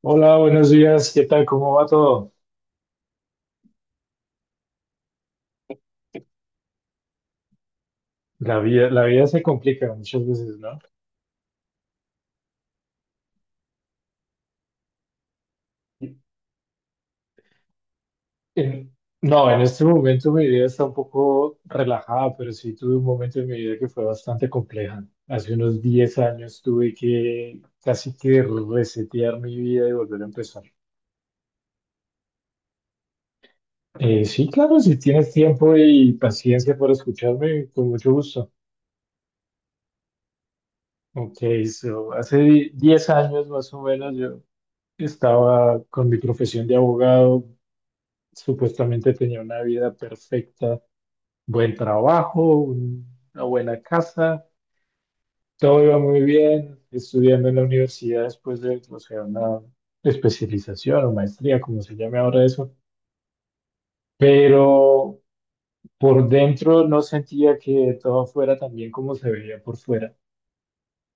Hola, buenos días. ¿Qué tal? ¿Cómo va todo? La vida se complica muchas veces, ¿no? En- no, en este momento mi vida está un poco relajada, pero sí tuve un momento en mi vida que fue bastante compleja. Hace unos 10 años tuve que casi que resetear mi vida y volver a empezar. Sí, claro, si tienes tiempo y paciencia por escucharme, con mucho gusto. Ok, hace 10 años más o menos yo estaba con mi profesión de abogado. Supuestamente tenía una vida perfecta, buen trabajo, una buena casa, todo iba muy bien, estudiando en la universidad después de, o sea, una especialización o maestría, como se llame ahora eso, pero por dentro no sentía que todo fuera tan bien como se veía por fuera.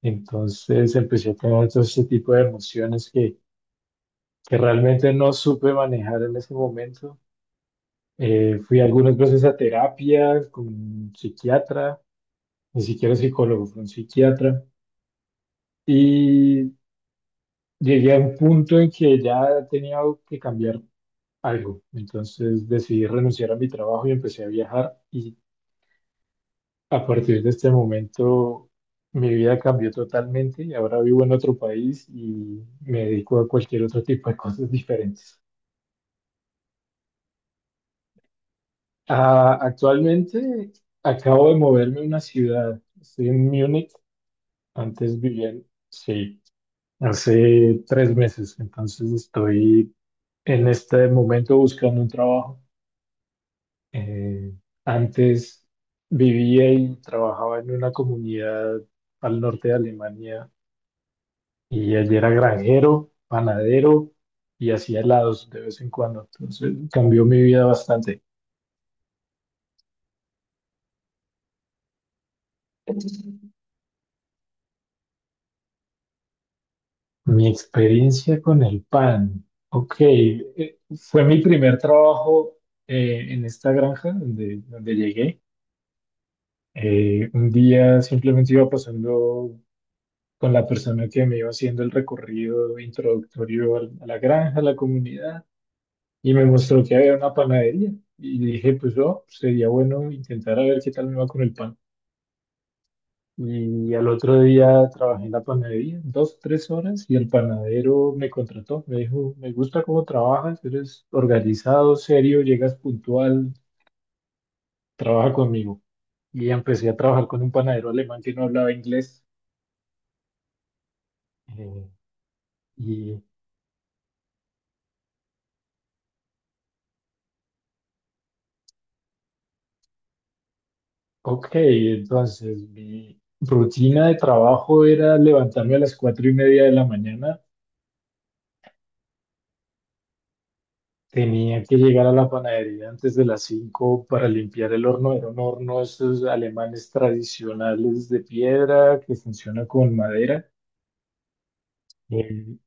Entonces empecé a tener todo este tipo de emociones que realmente no supe manejar en ese momento. Fui algunas veces a terapia con un psiquiatra, ni siquiera psicólogo, fue un psiquiatra. Y llegué a un punto en que ya tenía que cambiar algo. Entonces decidí renunciar a mi trabajo y empecé a viajar. Y a partir de este momento mi vida cambió totalmente y ahora vivo en otro país y me dedico a cualquier otro tipo de cosas diferentes. Ah, actualmente acabo de moverme a una ciudad. Estoy en Múnich. Antes vivía Sí, hace 3 meses. Entonces estoy en este momento buscando un trabajo. Eh, Antes vivía y trabajaba en una comunidad al norte de Alemania y allí era granjero, panadero y hacía helados de vez en cuando. Entonces cambió mi vida bastante. Mi experiencia con el pan. Ok, fue mi primer trabajo en esta granja donde llegué. Un día simplemente iba pasando con la persona que me iba haciendo el recorrido introductorio a la granja, a la comunidad, y me mostró que había una panadería. Y dije, pues oh, sería bueno intentar a ver qué tal me va con el pan. Y al otro día trabajé en la panadería, 2, 3 horas, y el panadero me contrató. Me dijo, me gusta cómo trabajas, eres organizado, serio, llegas puntual, trabaja conmigo. Y empecé a trabajar con un panadero alemán que no hablaba inglés. eh, y Ok, entonces mi rutina de trabajo era levantarme a las 4:30 de la mañana. Tenía que llegar a la panadería antes de las 5 para limpiar el horno. Era un horno de esos alemanes tradicionales de piedra que funciona con madera. Eh,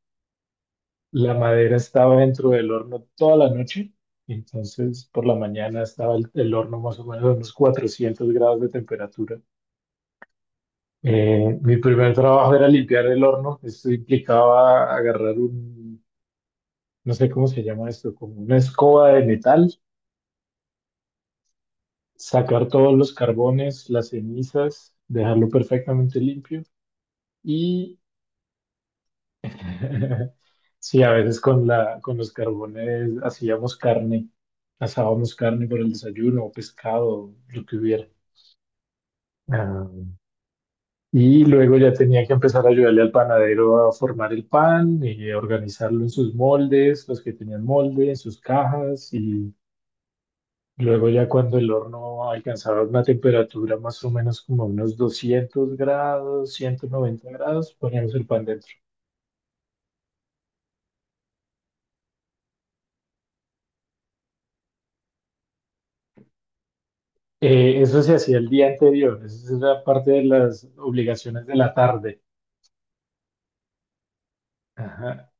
la madera estaba dentro del horno toda la noche. Entonces, por la mañana estaba el horno más o menos a unos 400 grados de temperatura. Mi primer trabajo era limpiar el horno. Esto implicaba agarrar un, no sé cómo se llama esto, como una escoba de metal, sacar todos los carbones, las cenizas, dejarlo perfectamente limpio. Y sí, a veces con los carbones hacíamos carne, asábamos carne por el desayuno o pescado, lo que hubiera. Ah, y luego ya tenía que empezar a ayudarle al panadero a formar el pan y a organizarlo en sus moldes, los que tenían molde, en sus cajas. Y luego ya cuando el horno alcanzaba una temperatura más o menos como unos 200 grados, 190 grados, poníamos el pan dentro. Eso se hacía el día anterior, esa era parte de las obligaciones de la tarde. Ajá.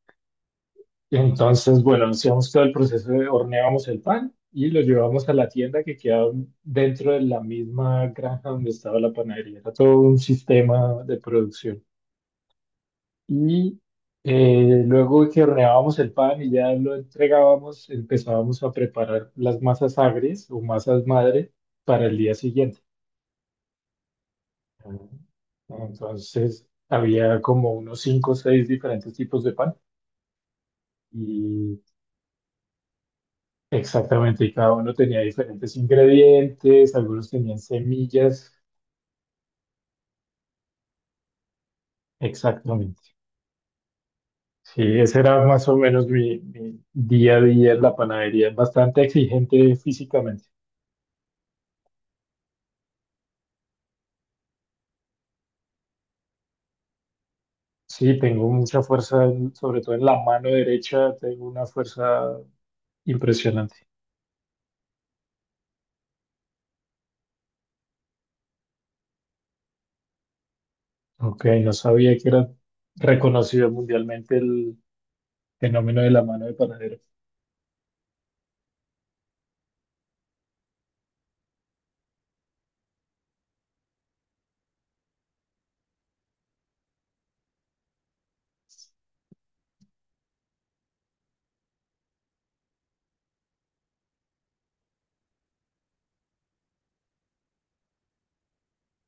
Entonces, bueno, hacíamos todo el proceso de horneábamos el pan y lo llevábamos a la tienda que quedaba dentro de la misma granja donde estaba la panadería. Era todo un sistema de producción. Y luego que horneábamos el pan y ya lo entregábamos, empezábamos a preparar las masas agrias o masas madre para el día siguiente. Entonces, había como unos cinco o seis diferentes tipos de pan. Exactamente, y cada uno tenía diferentes ingredientes, algunos tenían semillas, exactamente. Sí, ese era más o menos mi día a día en la panadería, es bastante exigente físicamente. Sí, tengo mucha fuerza, sobre todo en la mano derecha, tengo una fuerza impresionante. Ok, no sabía que era reconocido mundialmente el fenómeno de la mano de panadero.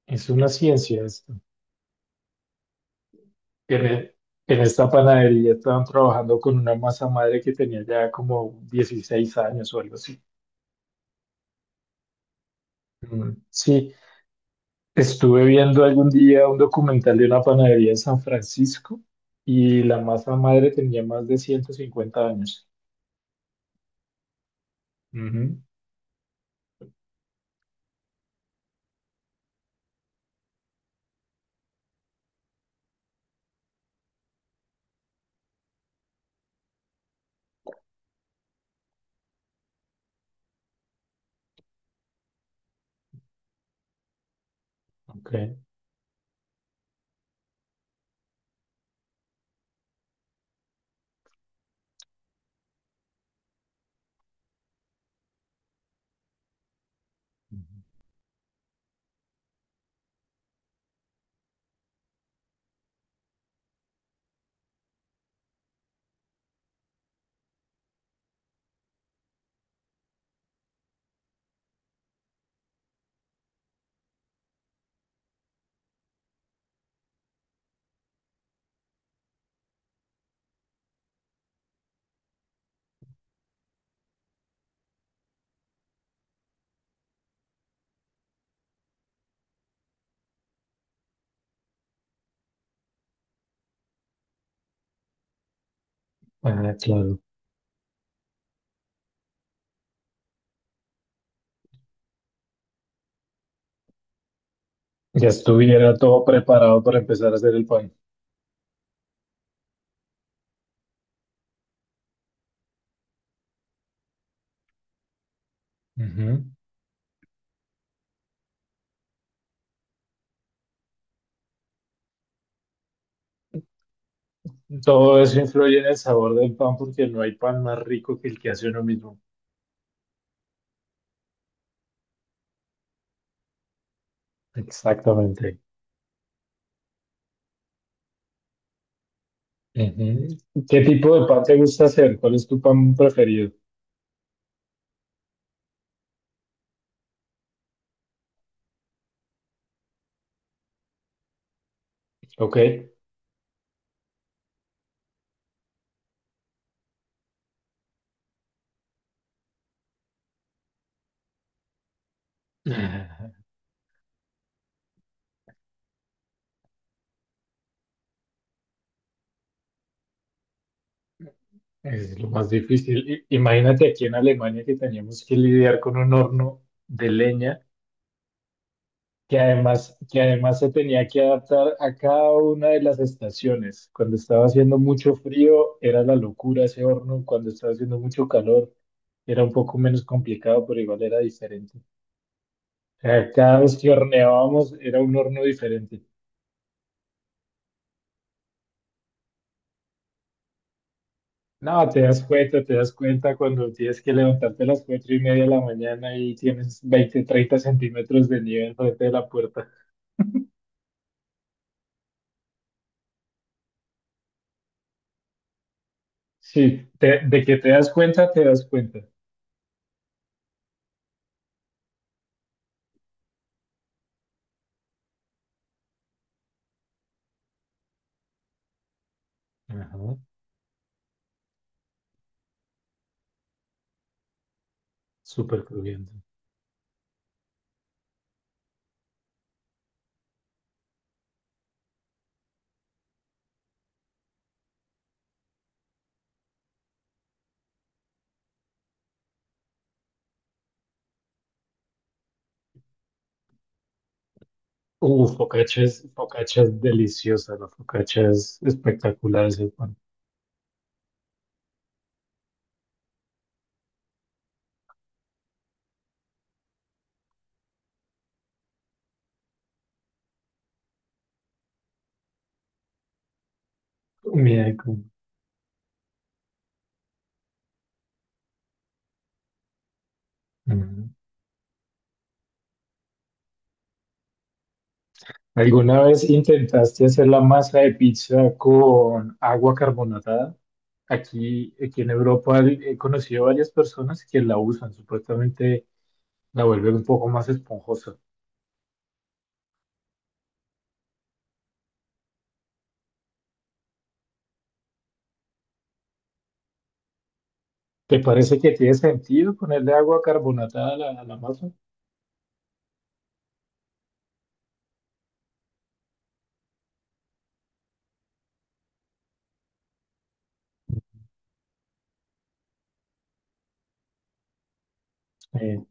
Es una ciencia esto. En, e- en esta panadería estaban trabajando con una masa madre que tenía ya como 16 años o algo así. Sí, estuve viendo algún día un documental de una panadería en San Francisco y la masa madre tenía más de 150 años. Ujú. Ok. Ujú. Ah, claro. Ya estuviera todo preparado para empezar a hacer el pan. Ujú. Todo eso influye en el sabor del pan porque no hay pan más rico que el que hace uno mismo. Exactamente. Ujú. ¿Qué tipo de pan te gusta hacer? ¿Cuál es tu pan preferido? Ok. Ah, es lo más difícil. Imagínate aquí en Alemania que teníamos que lidiar con un horno de leña que además se tenía que adaptar a cada una de las estaciones. Cuando estaba haciendo mucho frío era la locura ese horno, cuando estaba haciendo mucho calor era un poco menos complicado, pero igual era diferente. O sea, cada vez que horneábamos era un horno diferente. No, te das cuenta cuando tienes que levantarte a las 4:30 de la mañana y tienes 20, 30 centímetros de nieve frente de la puerta. Sí, de que te das cuenta, te das cuenta. Ajá, súper crujiente. Focaccia es deliciosa, la focaccia es espectacular ese pan. Comida de Cuba. ¿Alguna vez intentaste hacer la masa de pizza con agua carbonatada? Aquí en Europa he conocido varias personas que la usan, supuestamente la vuelven un poco más esponjosa. ¿Te parece que tiene sentido ponerle agua carbonatada a la masa? Eh,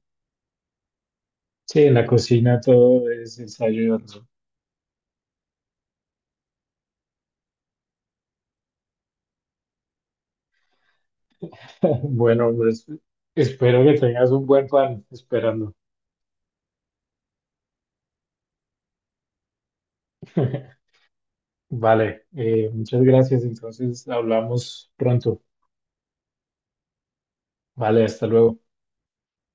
sí, en la cocina todo es ensayo y error. Bueno, pues espero que tengas un buen pan esperando. Vale, muchas gracias. Entonces hablamos pronto. Vale, hasta luego.